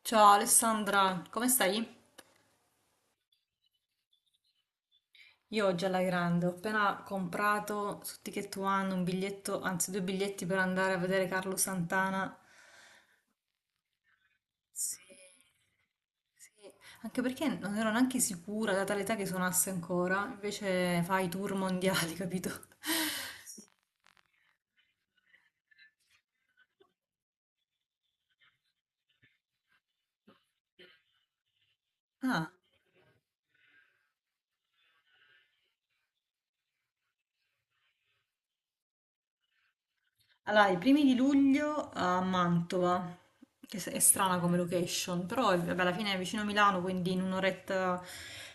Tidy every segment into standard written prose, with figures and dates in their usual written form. Ciao Alessandra, come stai? Io oggi alla grande, ho appena comprato su Ticket One un biglietto, anzi due biglietti per andare a vedere Carlo Santana. Sì, sì. Anche perché non ero neanche sicura, data l'età che suonasse ancora, invece fa i tour mondiali, capito? Ah, allora, i primi di luglio a Mantova, è strana come location, vabbè, alla fine è vicino a Milano, quindi in un'oretta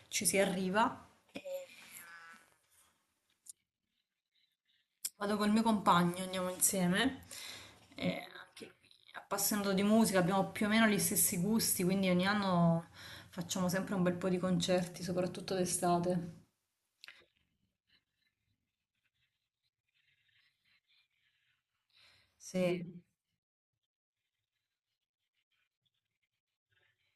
ci si arriva. Vado col mio compagno, andiamo insieme. E anche lui, appassionato di musica, abbiamo più o meno gli stessi gusti, quindi ogni anno facciamo sempre un bel po' di concerti, soprattutto d'estate. Sì,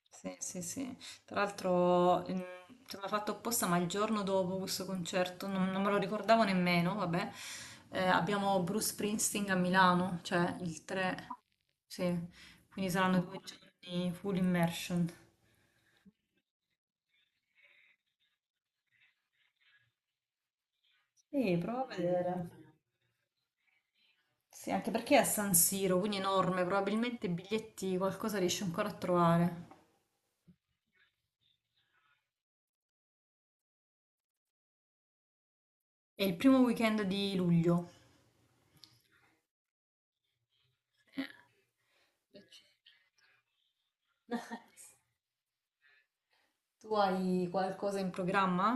sì, sì, sì. Tra l'altro, insomma, fatto apposta, ma il giorno dopo questo concerto, non me lo ricordavo nemmeno, vabbè, abbiamo Bruce Springsteen a Milano, cioè il 3, sì, quindi saranno 2 giorni full immersion. Sì, prova a vedere. Sì, anche perché è a San Siro, quindi enorme, probabilmente biglietti qualcosa riesce ancora a trovare. È il primo weekend di luglio. Nice. Tu hai qualcosa in programma?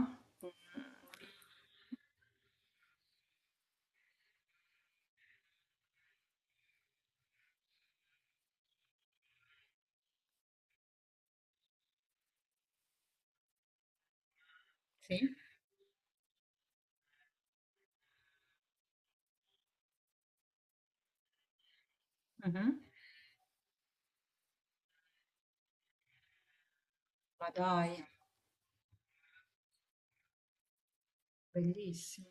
Sì? Mhm. Ma dai, bellissimo.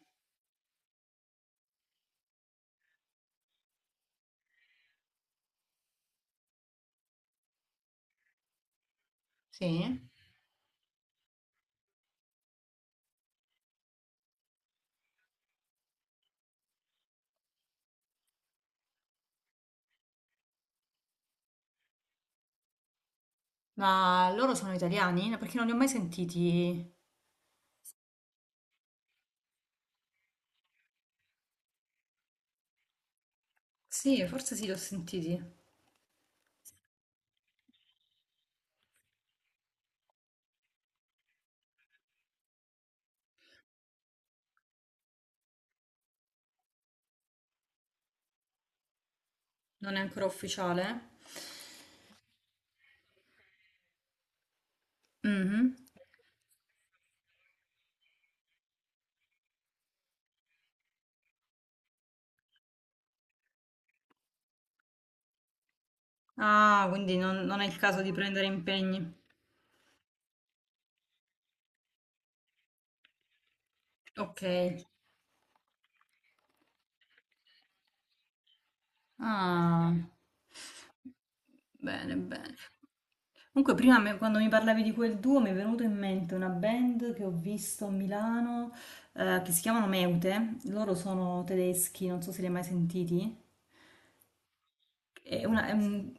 Sì? Ma loro sono italiani? No, perché non li ho mai sentiti. Sì, forse sì, li ho sentiti. Non è ancora ufficiale? Mhm. Ah, quindi non è il caso di prendere impegni. Ok. Ah, bene, bene. Comunque, quando mi parlavi di quel duo mi è venuto in mente una band che ho visto a Milano che si chiamano Meute. Loro sono tedeschi, non so se li hai mai sentiti. È una- è un-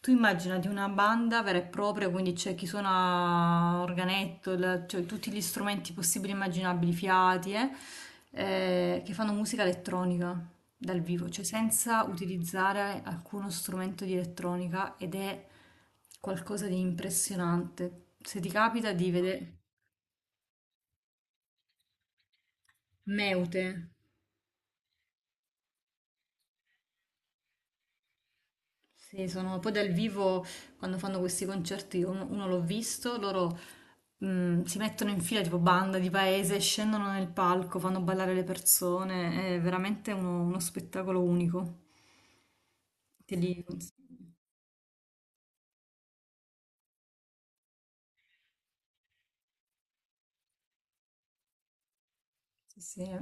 Tu immaginati una banda vera e propria, quindi c'è chi suona organetto, cioè tutti gli strumenti possibili e immaginabili, fiati, che fanno musica elettronica dal vivo, cioè senza utilizzare alcuno strumento di elettronica ed è qualcosa di impressionante. Se ti capita di vedere Meute. Sì, sono poi dal vivo quando fanno questi concerti, io uno l'ho visto, loro mm, si mettono in fila tipo banda di paese, scendono nel palco, fanno ballare le persone, è veramente uno spettacolo unico. Te li consiglio. Sì, sì, eh.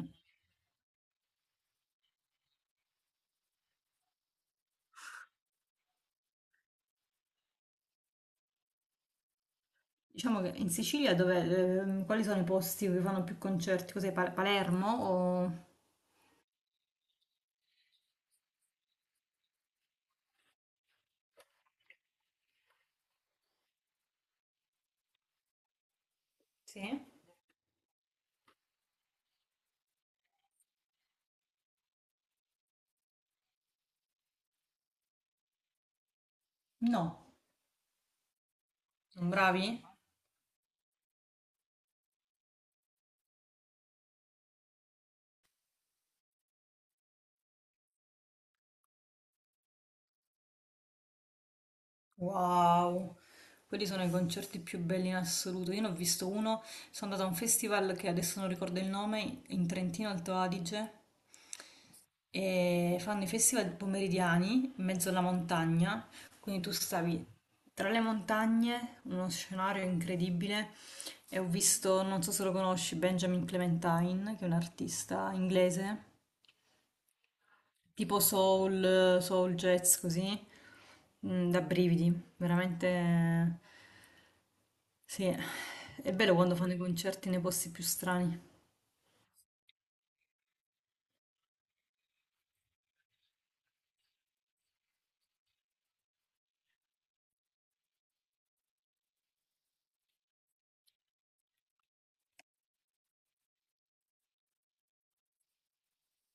Diciamo che in Sicilia dove, quali sono i posti dove fanno più concerti? Cos'è, Palermo o... Sì? No, sono bravi? Wow, quelli sono i concerti più belli in assoluto. Io ne ho visto uno, sono andata a un festival che adesso non ricordo il nome, in Trentino Alto Adige, e fanno i festival pomeridiani in mezzo alla montagna, quindi tu stavi tra le montagne, uno scenario incredibile, e ho visto, non so se lo conosci, Benjamin Clementine, che è un artista inglese tipo soul, soul jazz così, mm, da brividi, veramente sì, è bello quando fanno i concerti nei posti più strani.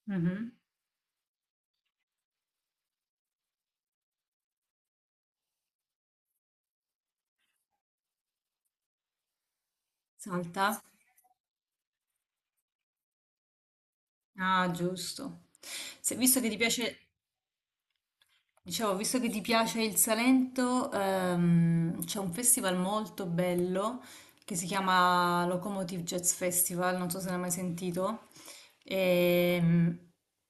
Mhm. Salta? Ah, giusto. Se, visto che ti piace, dicevo, visto che ti piace il Salento, c'è un festival molto bello che si chiama Locomotive Jazz Festival, non so se ne hai mai sentito. Ehm,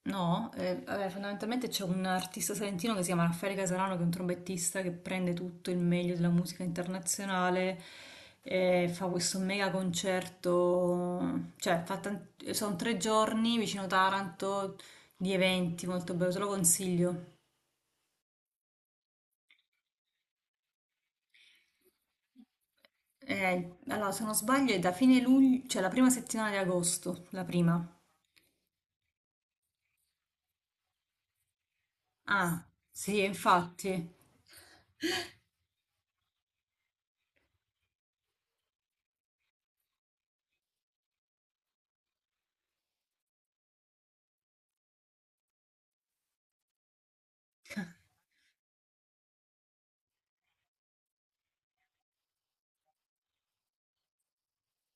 no, vabbè, fondamentalmente c'è un artista salentino che si chiama Raffaele Casalano, che è un trombettista che prende tutto il meglio della musica internazionale e fa questo mega concerto, cioè sono 3 giorni vicino Taranto di eventi molto bello, te lo consiglio. Allora, se non sbaglio è da fine luglio, cioè la prima settimana di agosto, la prima. Ah, sì, infatti.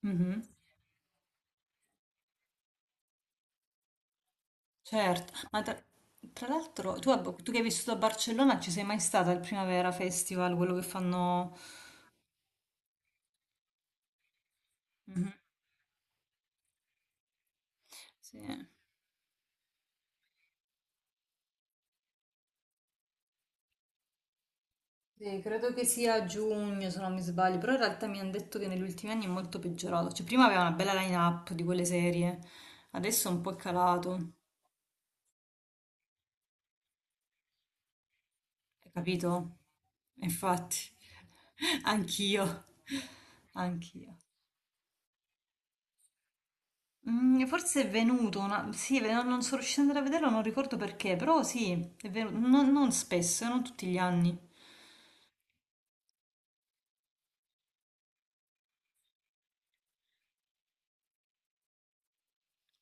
Mhm, certo, ma tra l'altro tu, tu che hai vissuto a Barcellona ci sei mai stata al Primavera Festival, quello che fanno... Mhm, sì. Sì, credo che sia a giugno se non mi sbaglio, però in realtà mi hanno detto che negli ultimi anni è molto peggiorato, cioè prima aveva una bella line-up di quelle serie, adesso è un po' calato. Hai capito? Infatti, anch'io, anch'io. Mm, forse è venuto una... Sì, non sono riuscita ad andare a vederlo, non ricordo perché, però sì, è venuto, non spesso, non tutti gli anni.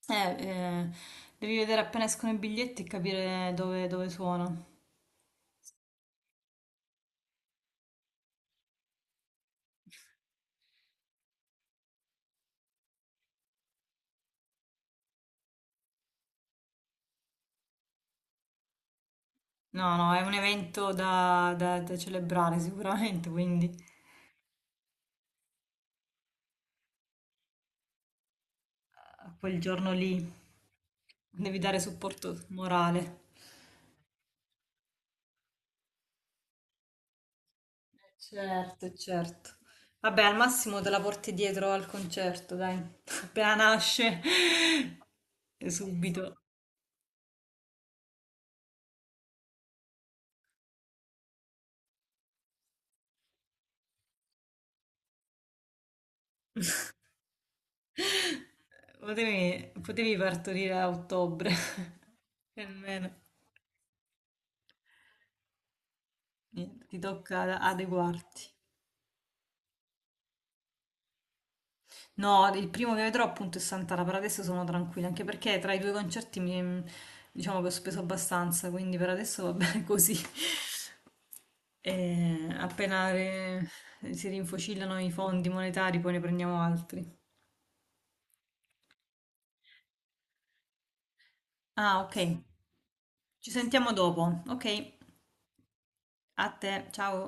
Eh, eh, devi vedere appena escono i biglietti e capire dove suona. No, no, è un evento da celebrare sicuramente, quindi a quel giorno lì devi dare supporto morale. Certo, certo. Vabbè, al massimo te la porti dietro al concerto, dai. Appena nasce, subito. Potevi, potevi partorire a ottobre, e almeno. Niente, ti tocca adeguarti. No, il primo che vedrò appunto è Sant'Ala, per adesso sono tranquilla, anche perché tra i due concerti diciamo che ho speso abbastanza, quindi per adesso va bene così. E si rinfocillano i fondi monetari, poi ne prendiamo altri. Ah, ok. Ci sentiamo dopo. Ok, a te, ciao.